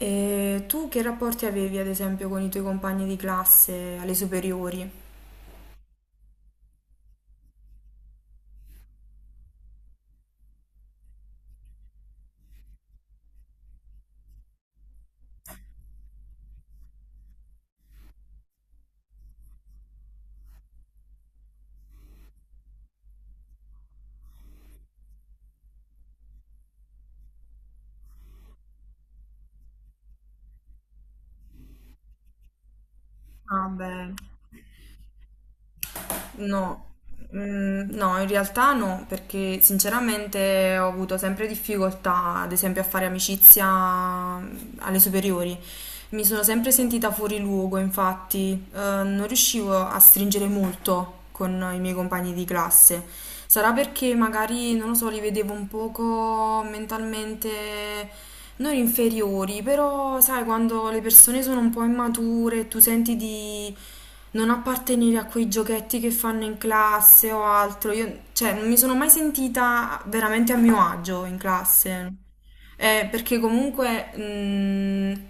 E tu che rapporti avevi, ad esempio, con i tuoi compagni di classe alle superiori? Ah, beh. No, no, in realtà no, perché sinceramente ho avuto sempre difficoltà, ad esempio, a fare amicizia alle superiori. Mi sono sempre sentita fuori luogo, infatti, non riuscivo a stringere molto con i miei compagni di classe. Sarà perché magari, non lo so, li vedevo un poco mentalmente non inferiori, però sai, quando le persone sono un po' immature, tu senti di non appartenere a quei giochetti che fanno in classe o altro, io, cioè, non mi sono mai sentita veramente a mio agio in classe. Perché comunque,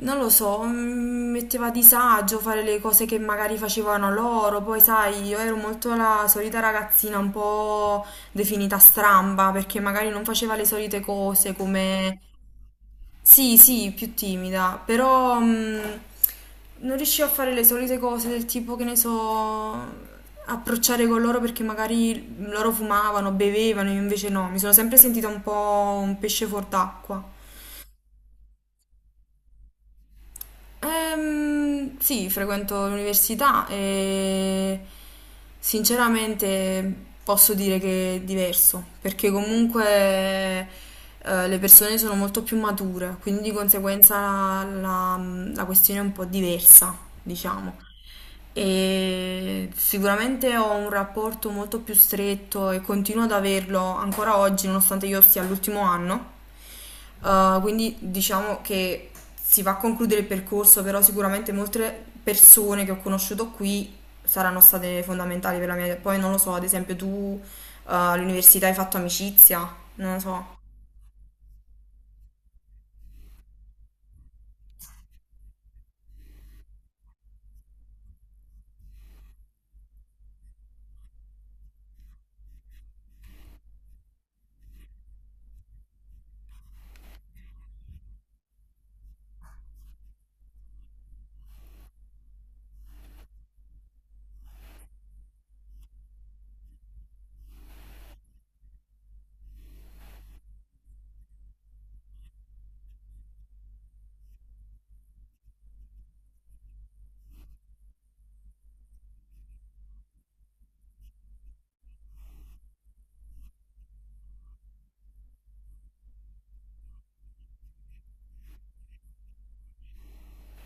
non lo so, mi metteva a disagio fare le cose che magari facevano loro, poi sai, io ero molto la solita ragazzina un po' definita stramba, perché magari non faceva le solite cose come... Sì, sì, più timida, però non riuscivo a fare le solite cose del tipo che ne so, approcciare con loro perché magari loro fumavano, bevevano, io invece no, mi sono sempre sentita un po' un pesce fuor d'acqua. Sì, frequento l'università e sinceramente posso dire che è diverso, perché comunque le persone sono molto più mature, quindi di conseguenza la questione è un po' diversa, diciamo. E sicuramente ho un rapporto molto più stretto e continuo ad averlo ancora oggi, nonostante io sia all'ultimo anno. Quindi diciamo che si va a concludere il percorso, però sicuramente molte persone che ho conosciuto qui saranno state fondamentali per la mia... Poi non lo so, ad esempio tu all'università hai fatto amicizia, non lo so.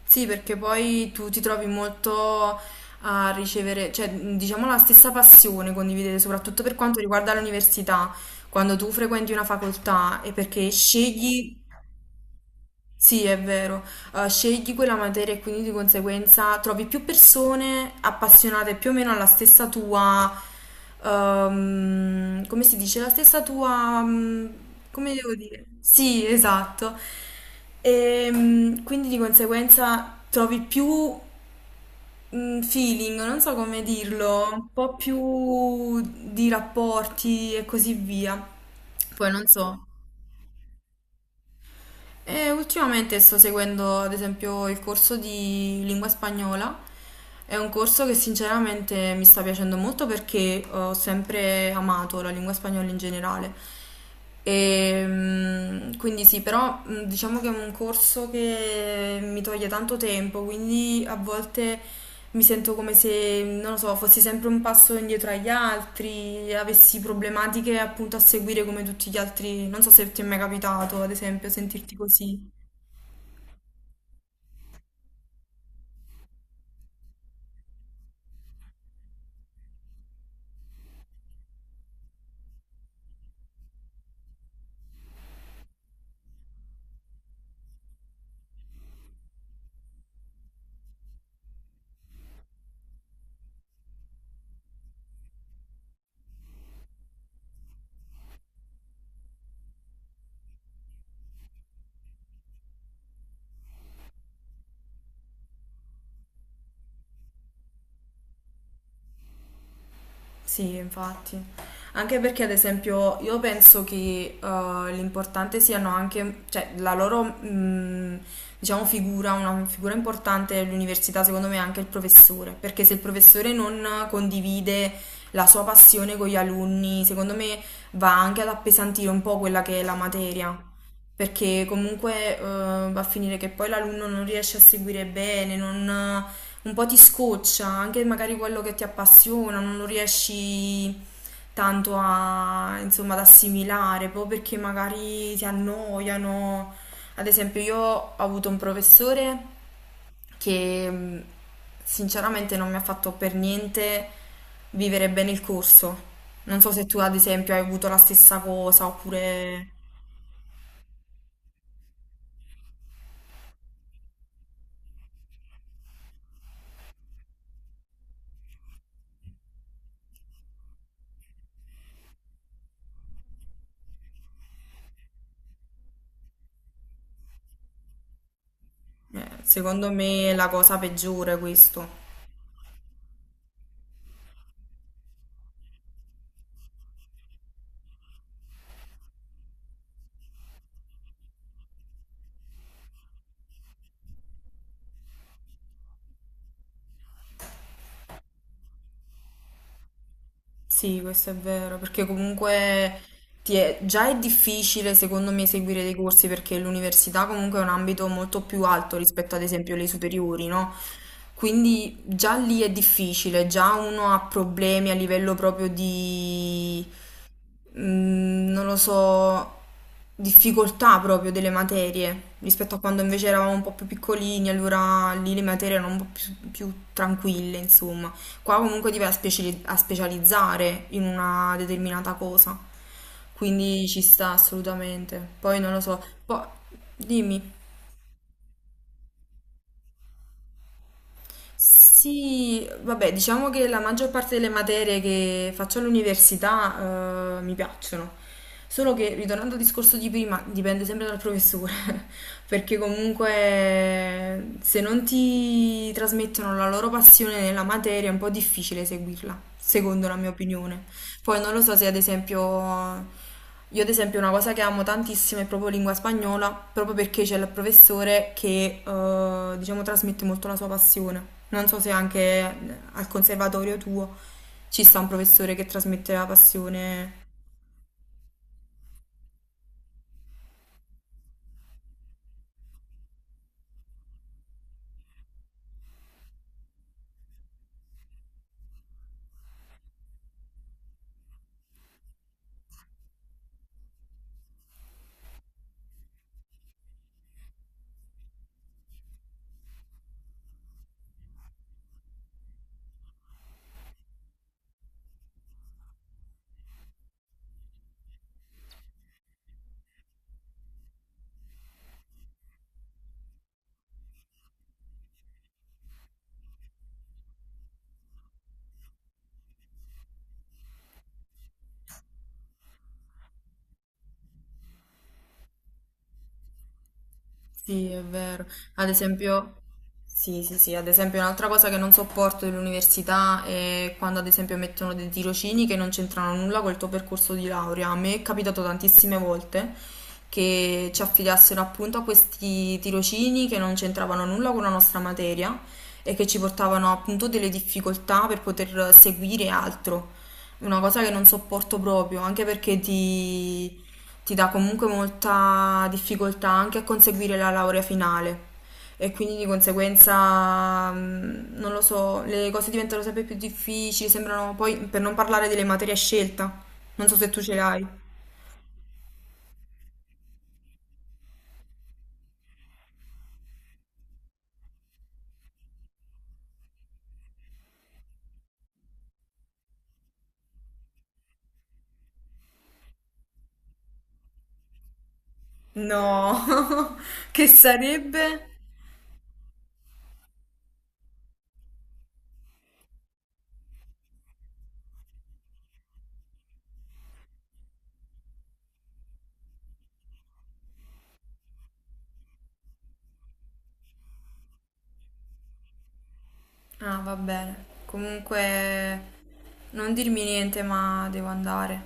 Sì, perché poi tu ti trovi molto a ricevere, cioè diciamo la stessa passione condividete, soprattutto per quanto riguarda l'università, quando tu frequenti una facoltà e perché scegli. Sì, è vero. Scegli quella materia e quindi di conseguenza trovi più persone appassionate più o meno alla stessa tua, come si dice, la stessa tua, come devo dire? Sì, esatto. Quindi di conseguenza trovi più feeling, non so come dirlo, un po' più di rapporti e così via. Poi non so. E ultimamente sto seguendo ad esempio il corso di lingua spagnola, è un corso che sinceramente mi sta piacendo molto perché ho sempre amato la lingua spagnola in generale. Quindi sì, però diciamo che è un corso che mi toglie tanto tempo, quindi a volte mi sento come se, non lo so, fossi sempre un passo indietro agli altri, avessi problematiche appunto a seguire come tutti gli altri. Non so se ti è mai capitato, ad esempio, sentirti così. Sì, infatti. Anche perché, ad esempio, io penso che l'importante siano anche, cioè, la loro, diciamo, figura, una figura importante dell'università, secondo me, è anche il professore. Perché se il professore non condivide la sua passione con gli alunni, secondo me va anche ad appesantire un po' quella che è la materia. Perché comunque va a finire che poi l'alunno non riesce a seguire bene, non un po' ti scoccia, anche magari quello che ti appassiona, non lo riesci tanto a, insomma, ad assimilare, proprio perché magari ti annoiano. Ad esempio, io ho avuto un professore che, sinceramente non mi ha fatto per niente vivere bene il corso. Non so se tu, ad esempio, hai avuto la stessa cosa, oppure secondo me è la cosa peggiore questo. Sì, questo è vero, perché comunque ti è- già è difficile secondo me seguire dei corsi perché l'università comunque è un ambito molto più alto rispetto ad esempio alle superiori, no? Quindi già lì è difficile, già uno ha problemi a livello proprio di non lo so, difficoltà proprio delle materie, rispetto a quando invece eravamo un po' più piccolini, allora lì le materie erano un po' più, più tranquille, insomma. Qua comunque ti vai a speciali- a specializzare in una determinata cosa, quindi ci sta assolutamente. Poi non lo so, poi dimmi. Sì, vabbè, diciamo che la maggior parte delle materie che faccio all'università, mi piacciono. Solo che, ritornando al discorso di prima, dipende sempre dal professore, perché comunque se non ti trasmettono la loro passione nella materia è un po' difficile seguirla, secondo la mia opinione. Poi non lo so se ad esempio io ad esempio una cosa che amo tantissimo è proprio lingua spagnola, proprio perché c'è il professore che diciamo trasmette molto la sua passione. Non so se anche al conservatorio tuo ci sta un professore che trasmette la passione. Sì, è vero. Ad esempio, sì, sì, sì, ad esempio un'altra cosa che non sopporto dell'università è quando ad esempio mettono dei tirocini che non c'entrano nulla col tuo percorso di laurea. A me è capitato tantissime volte che ci affidassero appunto a questi tirocini che non c'entravano nulla con la nostra materia e che ci portavano appunto delle difficoltà per poter seguire altro. Una cosa che non sopporto proprio, anche perché ti ti dà comunque molta difficoltà anche a conseguire la laurea finale e quindi di conseguenza, non lo so, le cose diventano sempre più difficili, sembrano poi, per non parlare delle materie a scelta, non so se tu ce l'hai. No, che sarebbe? Ah, va bene. Comunque, non dirmi niente, ma devo andare.